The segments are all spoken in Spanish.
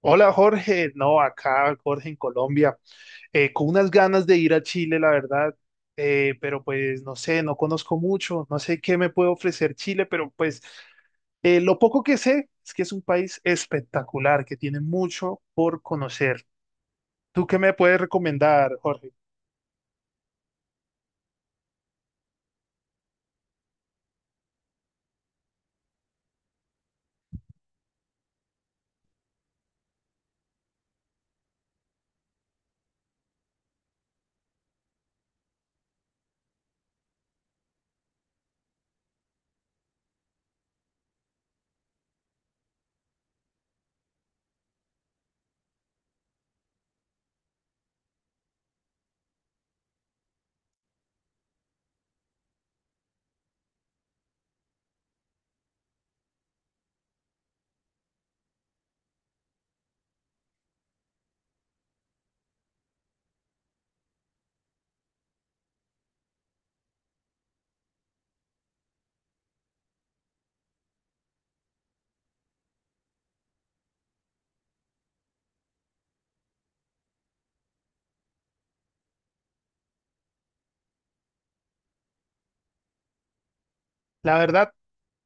Hola Jorge, no, acá Jorge en Colombia, con unas ganas de ir a Chile, la verdad, pero pues no sé, no conozco mucho, no sé qué me puede ofrecer Chile, pero pues lo poco que sé es que es un país espectacular, que tiene mucho por conocer. ¿Tú qué me puedes recomendar, Jorge? La verdad,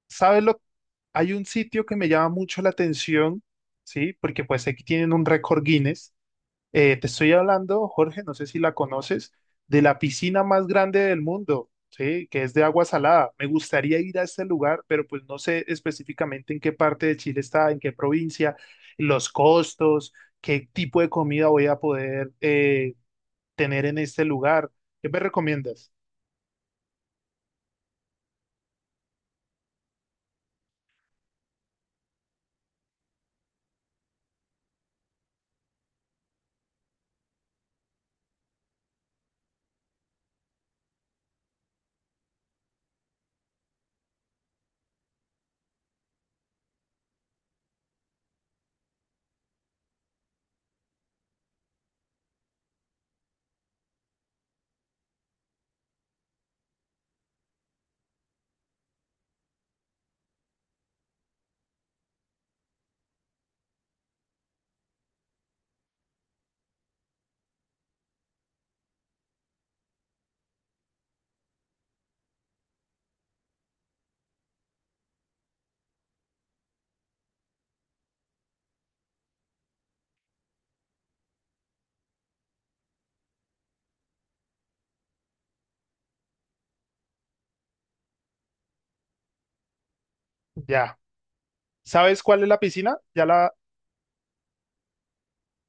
¿sabes lo? Hay un sitio que me llama mucho la atención, ¿sí? Porque pues aquí tienen un récord Guinness. Te estoy hablando, Jorge, no sé si la conoces, de la piscina más grande del mundo, ¿sí? Que es de agua salada. Me gustaría ir a este lugar, pero pues no sé específicamente en qué parte de Chile está, en qué provincia, los costos, qué tipo de comida voy a poder tener en este lugar. ¿Qué me recomiendas? Ya. ¿Sabes cuál es la piscina? Ya la,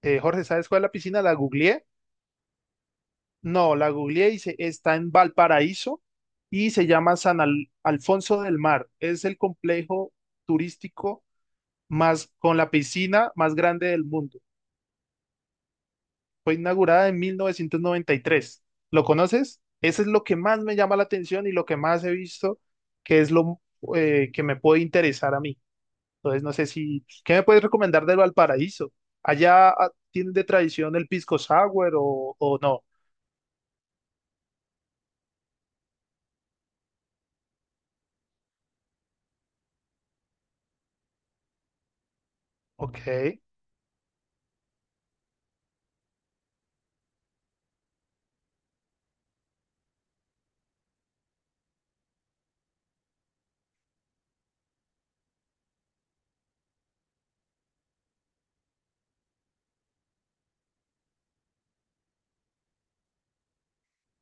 eh, Jorge, ¿sabes cuál es la piscina? La googleé. No, la googleé y está en Valparaíso y se llama San Alfonso del Mar. Es el complejo turístico más con la piscina más grande del mundo. Fue inaugurada en 1993. ¿Lo conoces? Eso es lo que más me llama la atención y lo que más he visto que es lo que me puede interesar a mí. Entonces, no sé si, ¿qué me puedes recomendar del Valparaíso? ¿Allá tienen de tradición el pisco sour o no? Ok,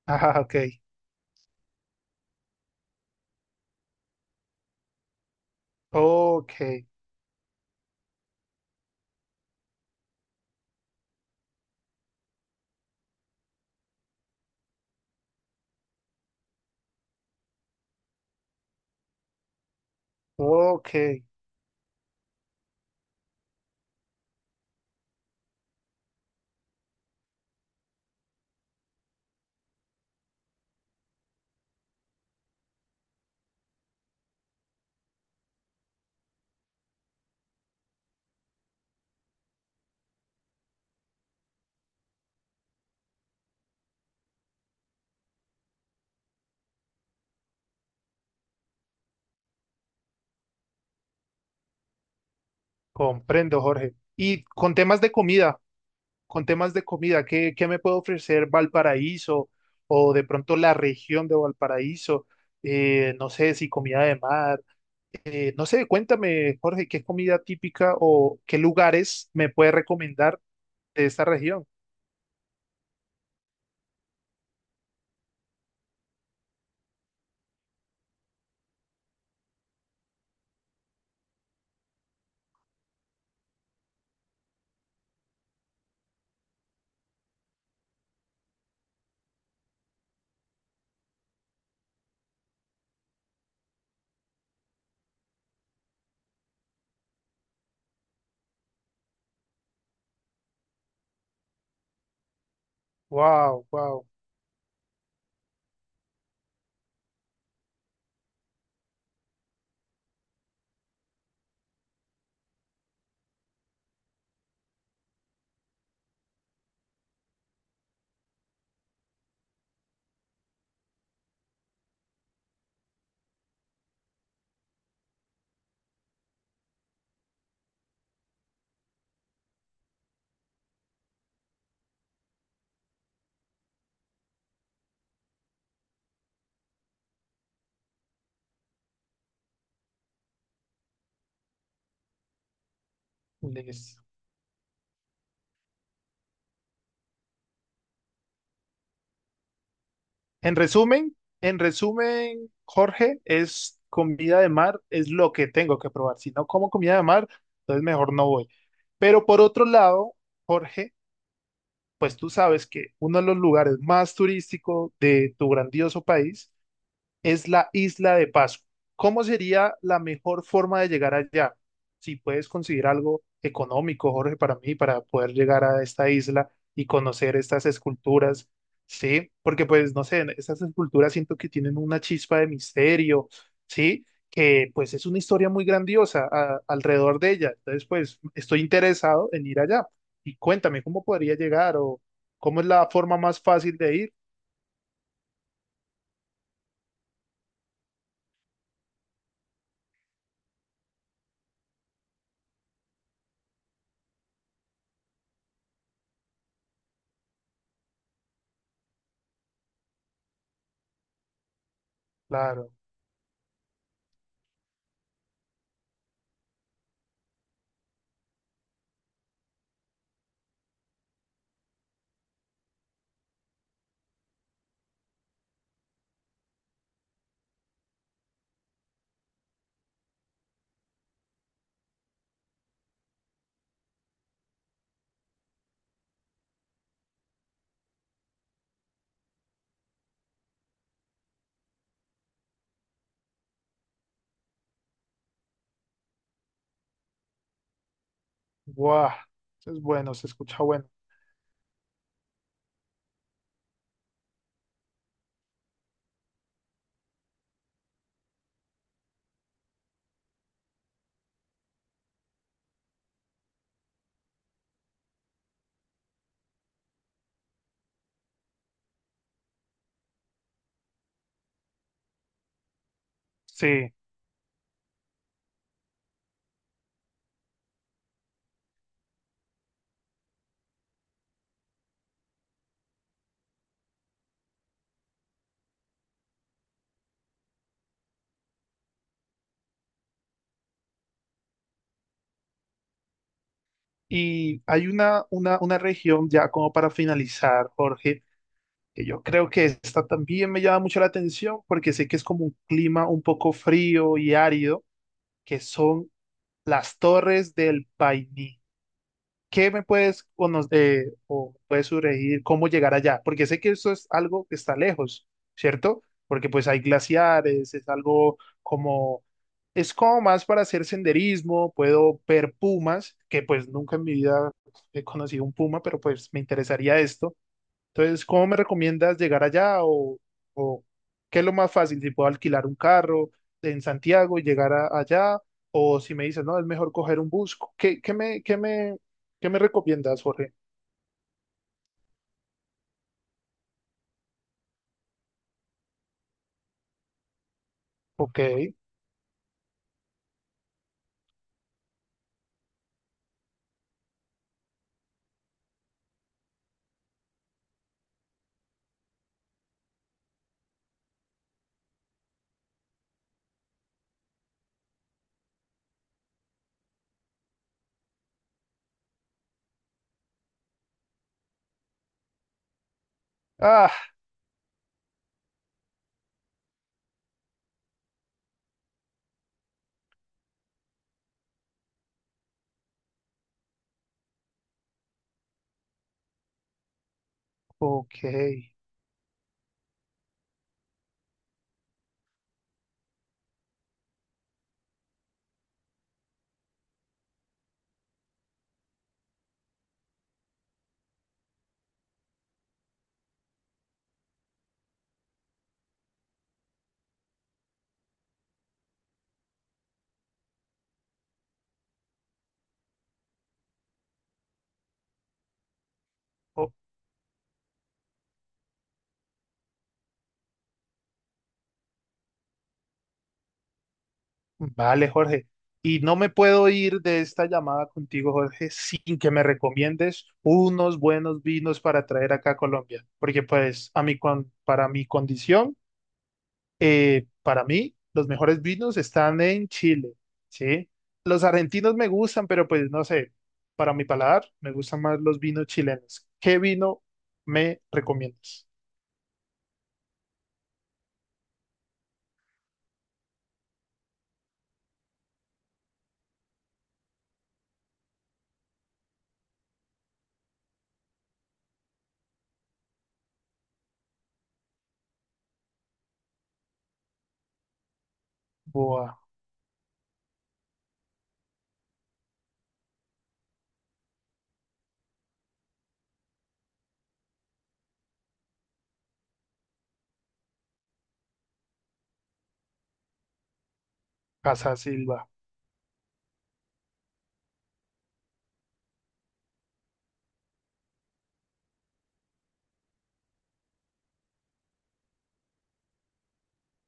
ah, ok, ok. Ok, comprendo, Jorge. Y con temas de comida, con temas de comida, ¿qué, qué me puede ofrecer Valparaíso o de pronto la región de Valparaíso? No sé si comida de mar, no sé, cuéntame, Jorge, ¿qué comida típica o qué lugares me puede recomendar de esta región? Wow, wow. En resumen, en resumen, Jorge, es comida de mar, es lo que tengo que probar. Si no como comida de mar, entonces mejor no voy. Pero por otro lado, Jorge, pues tú sabes que uno de los lugares más turísticos de tu grandioso país es la isla de Pascua. ¿Cómo sería la mejor forma de llegar allá? Si puedes conseguir algo económico, Jorge, para mí, para poder llegar a esta isla y conocer estas esculturas, ¿sí? Porque pues, no sé, estas esculturas siento que tienen una chispa de misterio, ¿sí? Que pues es una historia muy grandiosa alrededor de ella. Entonces, pues, estoy interesado en ir allá. Y cuéntame, ¿cómo podría llegar o cómo es la forma más fácil de ir? Claro. Guau, es bueno, se escucha bueno. Sí, y hay una región ya como para finalizar, Jorge, que yo creo que esta también me llama mucho la atención porque sé que es como un clima un poco frío y árido, que son las Torres del Paine. ¿Qué me puedes o, nos, o puedes sugerir cómo llegar allá? Porque sé que eso es algo que está lejos, ¿cierto? Porque pues hay glaciares, es algo como, es como más para hacer senderismo, puedo ver pumas, que pues nunca en mi vida he conocido un puma, pero pues me interesaría esto. Entonces, ¿cómo me recomiendas llegar allá o qué es lo más fácil? Si puedo alquilar un carro en Santiago y llegar allá o si me dices, no, es mejor coger un bus. ¿Qué, qué me recomiendas, Jorge? Ok. Ah, ok. O- vale, Jorge. Y no me puedo ir de esta llamada contigo, Jorge, sin que me recomiendes unos buenos vinos para traer acá a Colombia, porque pues a mí, con, para mi condición para mí, los mejores vinos están en Chile, ¿sí? Los argentinos me gustan, pero pues no sé, para mi paladar me gustan más los vinos chilenos. ¿Qué vino me recomiendas? Boa, Casa Silva.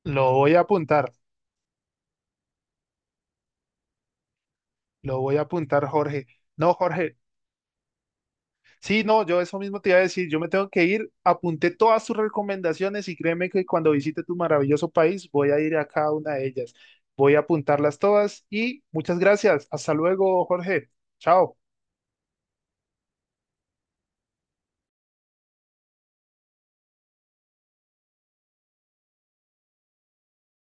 Lo voy a apuntar, lo voy a apuntar, Jorge. No, Jorge, sí, no, yo eso mismo te iba a decir, yo me tengo que ir, apunté todas tus recomendaciones y créeme que cuando visite tu maravilloso país voy a ir a cada una de ellas. Voy a apuntarlas todas y muchas gracias. Hasta luego, Jorge. Chao.